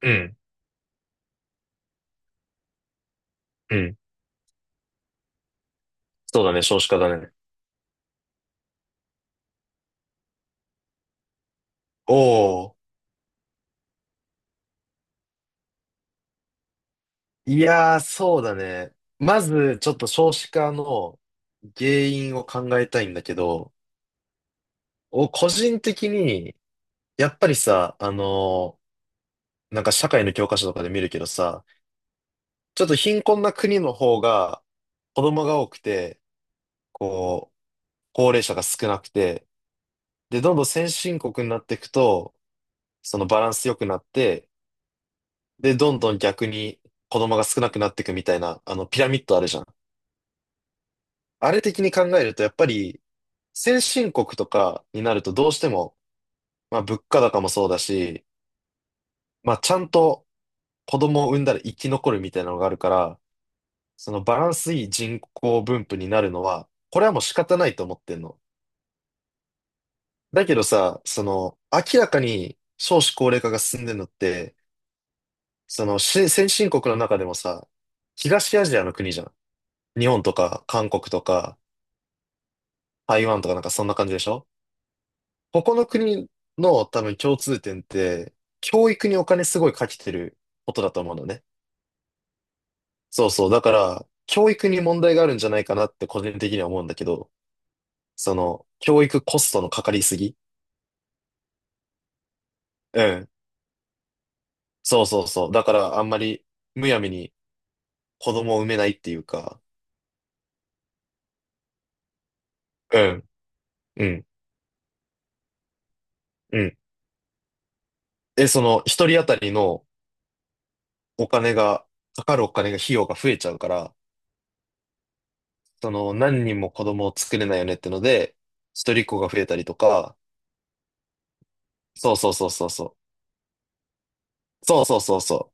うん、うん。そうだね、少子化だね。おお、いやー、そうだね。まず、ちょっと少子化の原因を考えたいんだけど、個人的に、やっぱりさ、なんか社会の教科書とかで見るけどさ、ちょっと貧困な国の方が子供が多くて、こう、高齢者が少なくて、で、どんどん先進国になっていくと、そのバランス良くなって、で、どんどん逆に子供が少なくなっていくみたいな、ピラミッドあるじゃん。あれ的に考えると、やっぱり、先進国とかになるとどうしても、まあ物価高もそうだし、まあちゃんと子供を産んだら生き残るみたいなのがあるから、そのバランスいい人口分布になるのは、これはもう仕方ないと思ってんの。だけどさ、明らかに少子高齢化が進んでるのって、そのし先進国の中でもさ、東アジアの国じゃん。日本とか韓国とか台湾とかなんかそんな感じでしょ。ここの国の多分共通点って、教育にお金すごいかけてることだと思うのね。そうそう。だから、教育に問題があるんじゃないかなって個人的には思うんだけど、教育コストのかかりすぎ。うん。そうそうそう。だから、あんまり、むやみに子供を産めないっていうか、うん、うん、うん。で、一人当たりのお金が、かかるお金が、費用が増えちゃうから、何人も子供を作れないよねってので、一人っ子が増えたりとか、そうそうそうそうそう。そうそうそうそ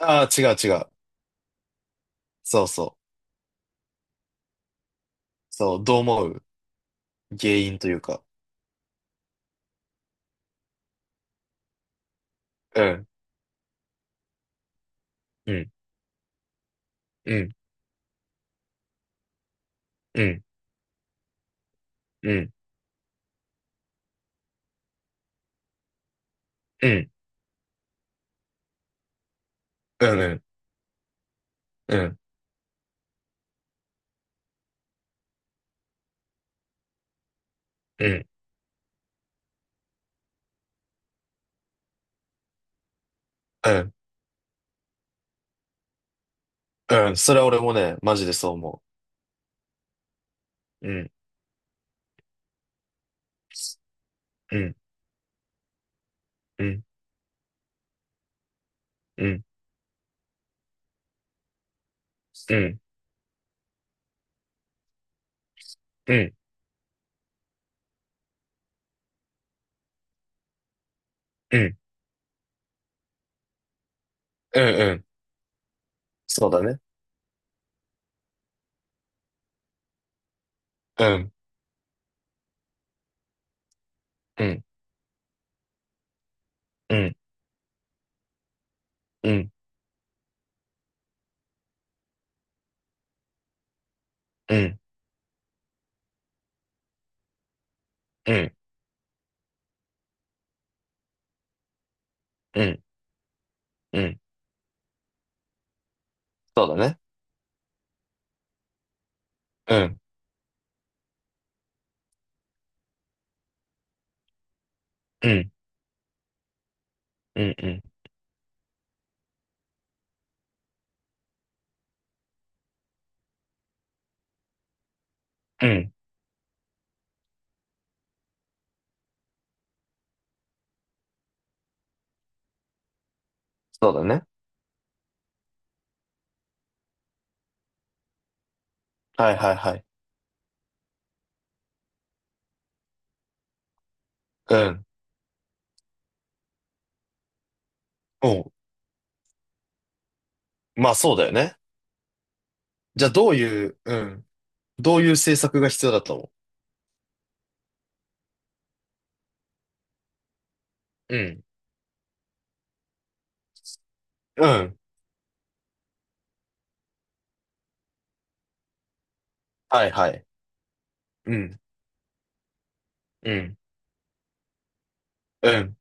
う。ああ、違う違う。そうそう。そう、どう思う？原因というか。うん、うん、うん、うん、うん、うん、うん、うん、うん、うん、うん、うん。それは俺もね、マジでそう思う。うん、うん、うん、うん、うん、うん、うん、うん、うん。そうだね。うん、うん、うん、うん、うん、うん、うん、うん。そうだね。うん、うん、うん、うん、うん。そうだね。はいはいはい。うん。おう、まあそうだよね。じゃあどういう、うん。どういう政策が必要だと思う？うん。うん。はいはい。うん。うん。うん。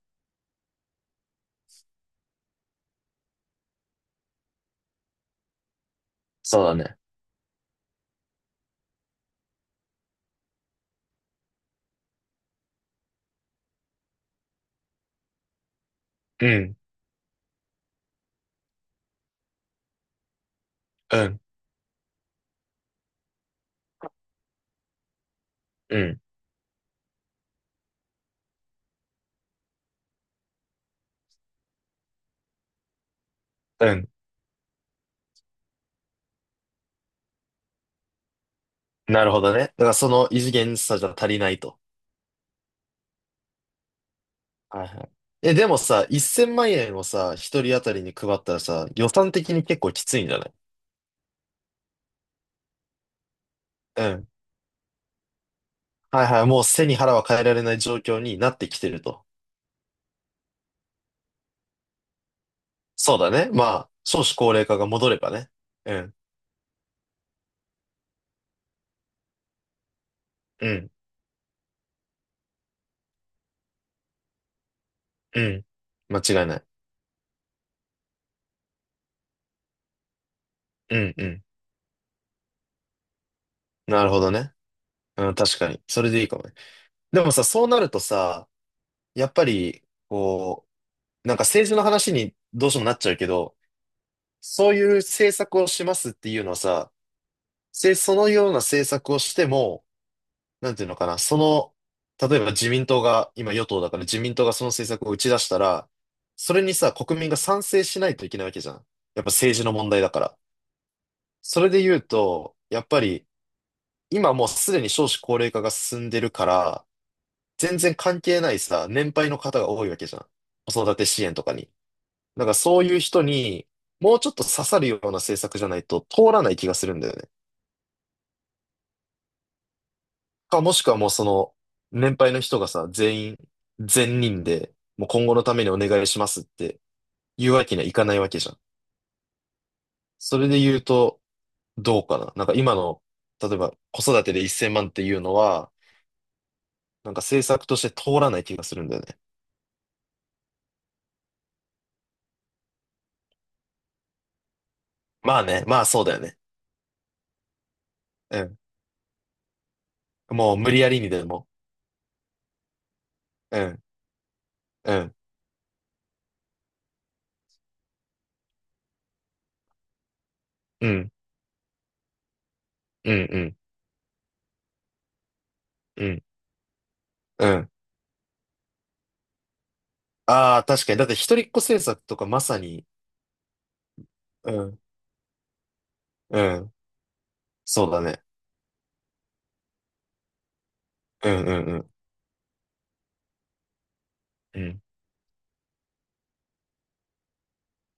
そうだね。うん。うん。うん。うん。なるほどね。だからその異次元さじゃ足りないと。はいはい。え、でもさ、1000万円をさ、一人当たりに配ったらさ、予算的に結構きついんじゃない？うん。はいはい。もう背に腹は変えられない状況になってきてると。そうだね。まあ、少子高齢化が戻ればね。うん。うん。うん。間違いない。うんうん。なるほどね。うん、確かに。それでいいかもね。でもさ、そうなるとさ、やっぱり、こう、なんか政治の話にどうしてもなっちゃうけど、そういう政策をしますっていうのはさ、そのような政策をしても、なんていうのかな、例えば自民党が、今与党だから自民党がその政策を打ち出したら、それにさ、国民が賛成しないといけないわけじゃん。やっぱ政治の問題だから。それで言うと、やっぱり、今もうすでに少子高齢化が進んでるから、全然関係ないさ、年配の方が多いわけじゃん。子育て支援とかに。なんかそういう人に、もうちょっと刺さるような政策じゃないと通らない気がするんだよね。もしくはもう年配の人がさ、全員、全人で、もう今後のためにお願いしますって言うわけにはいかないわけじゃん。それで言うと、どうかな。なんか今の、例えば子育てで1000万っていうのは、なんか政策として通らない気がするんだよね。まあね、まあそうだよね。うん。もう無理やりにでも。うん。うん。うん、うん、うん、うん、うん。ああ、確かに。だって一人っ子政策とかまさに、うん、うん、そうだね。うん、うん、うん、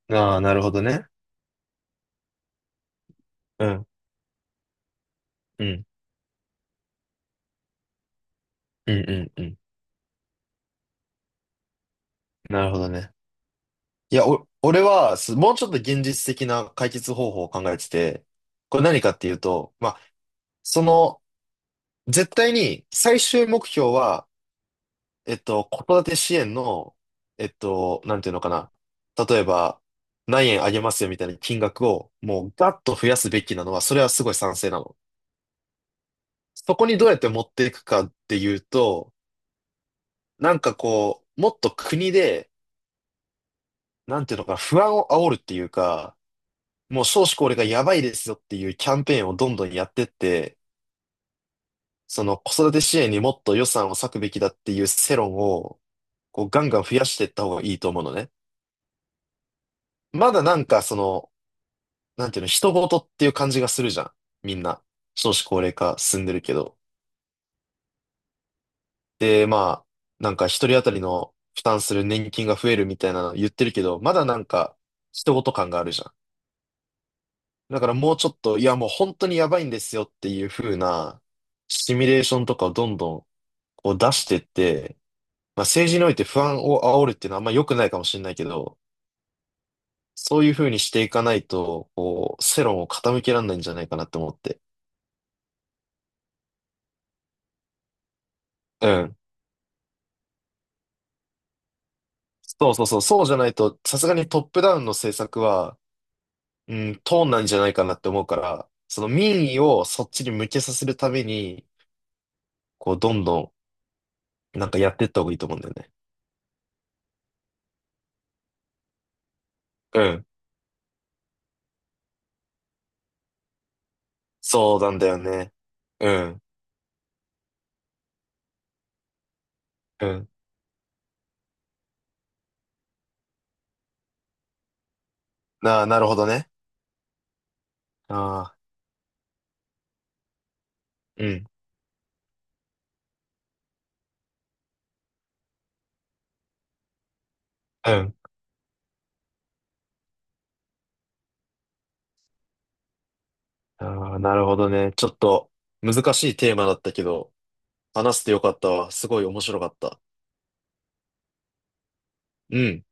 うん。ああ、なるほどね。うん、うん、うん、うん、うん。なるほどね。いや、俺は、もうちょっと現実的な解決方法を考えてて、これ何かっていうと、まあ、その、絶対に最終目標は、子育て支援の、なんていうのかな。例えば、何円あげますよみたいな金額を、もうガッと増やすべきなのは、それはすごい賛成なの。そこにどうやって持っていくかっていうと、なんかこう、もっと国で、なんていうのかな、不安を煽るっていうか、もう少子高齢がやばいですよっていうキャンペーンをどんどんやってって、その子育て支援にもっと予算を割くべきだっていう世論を、こうガンガン増やしていった方がいいと思うのね。まだなんかなんていうの、人事っていう感じがするじゃん。みんな。少子高齢化進んでるけど。で、まあ、なんか一人当たりの負担する年金が増えるみたいなの言ってるけど、まだなんか人事感があるじゃん。だからもうちょっと、いやもう本当にやばいんですよっていう風なシミュレーションとかをどんどんこう出してって、まあ政治において不安を煽るっていうのはあんま良くないかもしれないけど、そういう風にしていかないと、こう、世論を傾けられないんじゃないかなって思って。うん。そうそうそう、そうじゃないと、さすがにトップダウンの政策は、うん、通んないんじゃないかなって思うから、その民意をそっちに向けさせるために、こう、どんどん、なんかやっていった方がいいと思うんだよね。うん。そうなんだよね。うん。うん。なあ、なるほどね。ああ、うん。うん。ああ、なるほどね。ちょっと、難しいテーマだったけど、話してよかったわ。すごい面白かった。うん。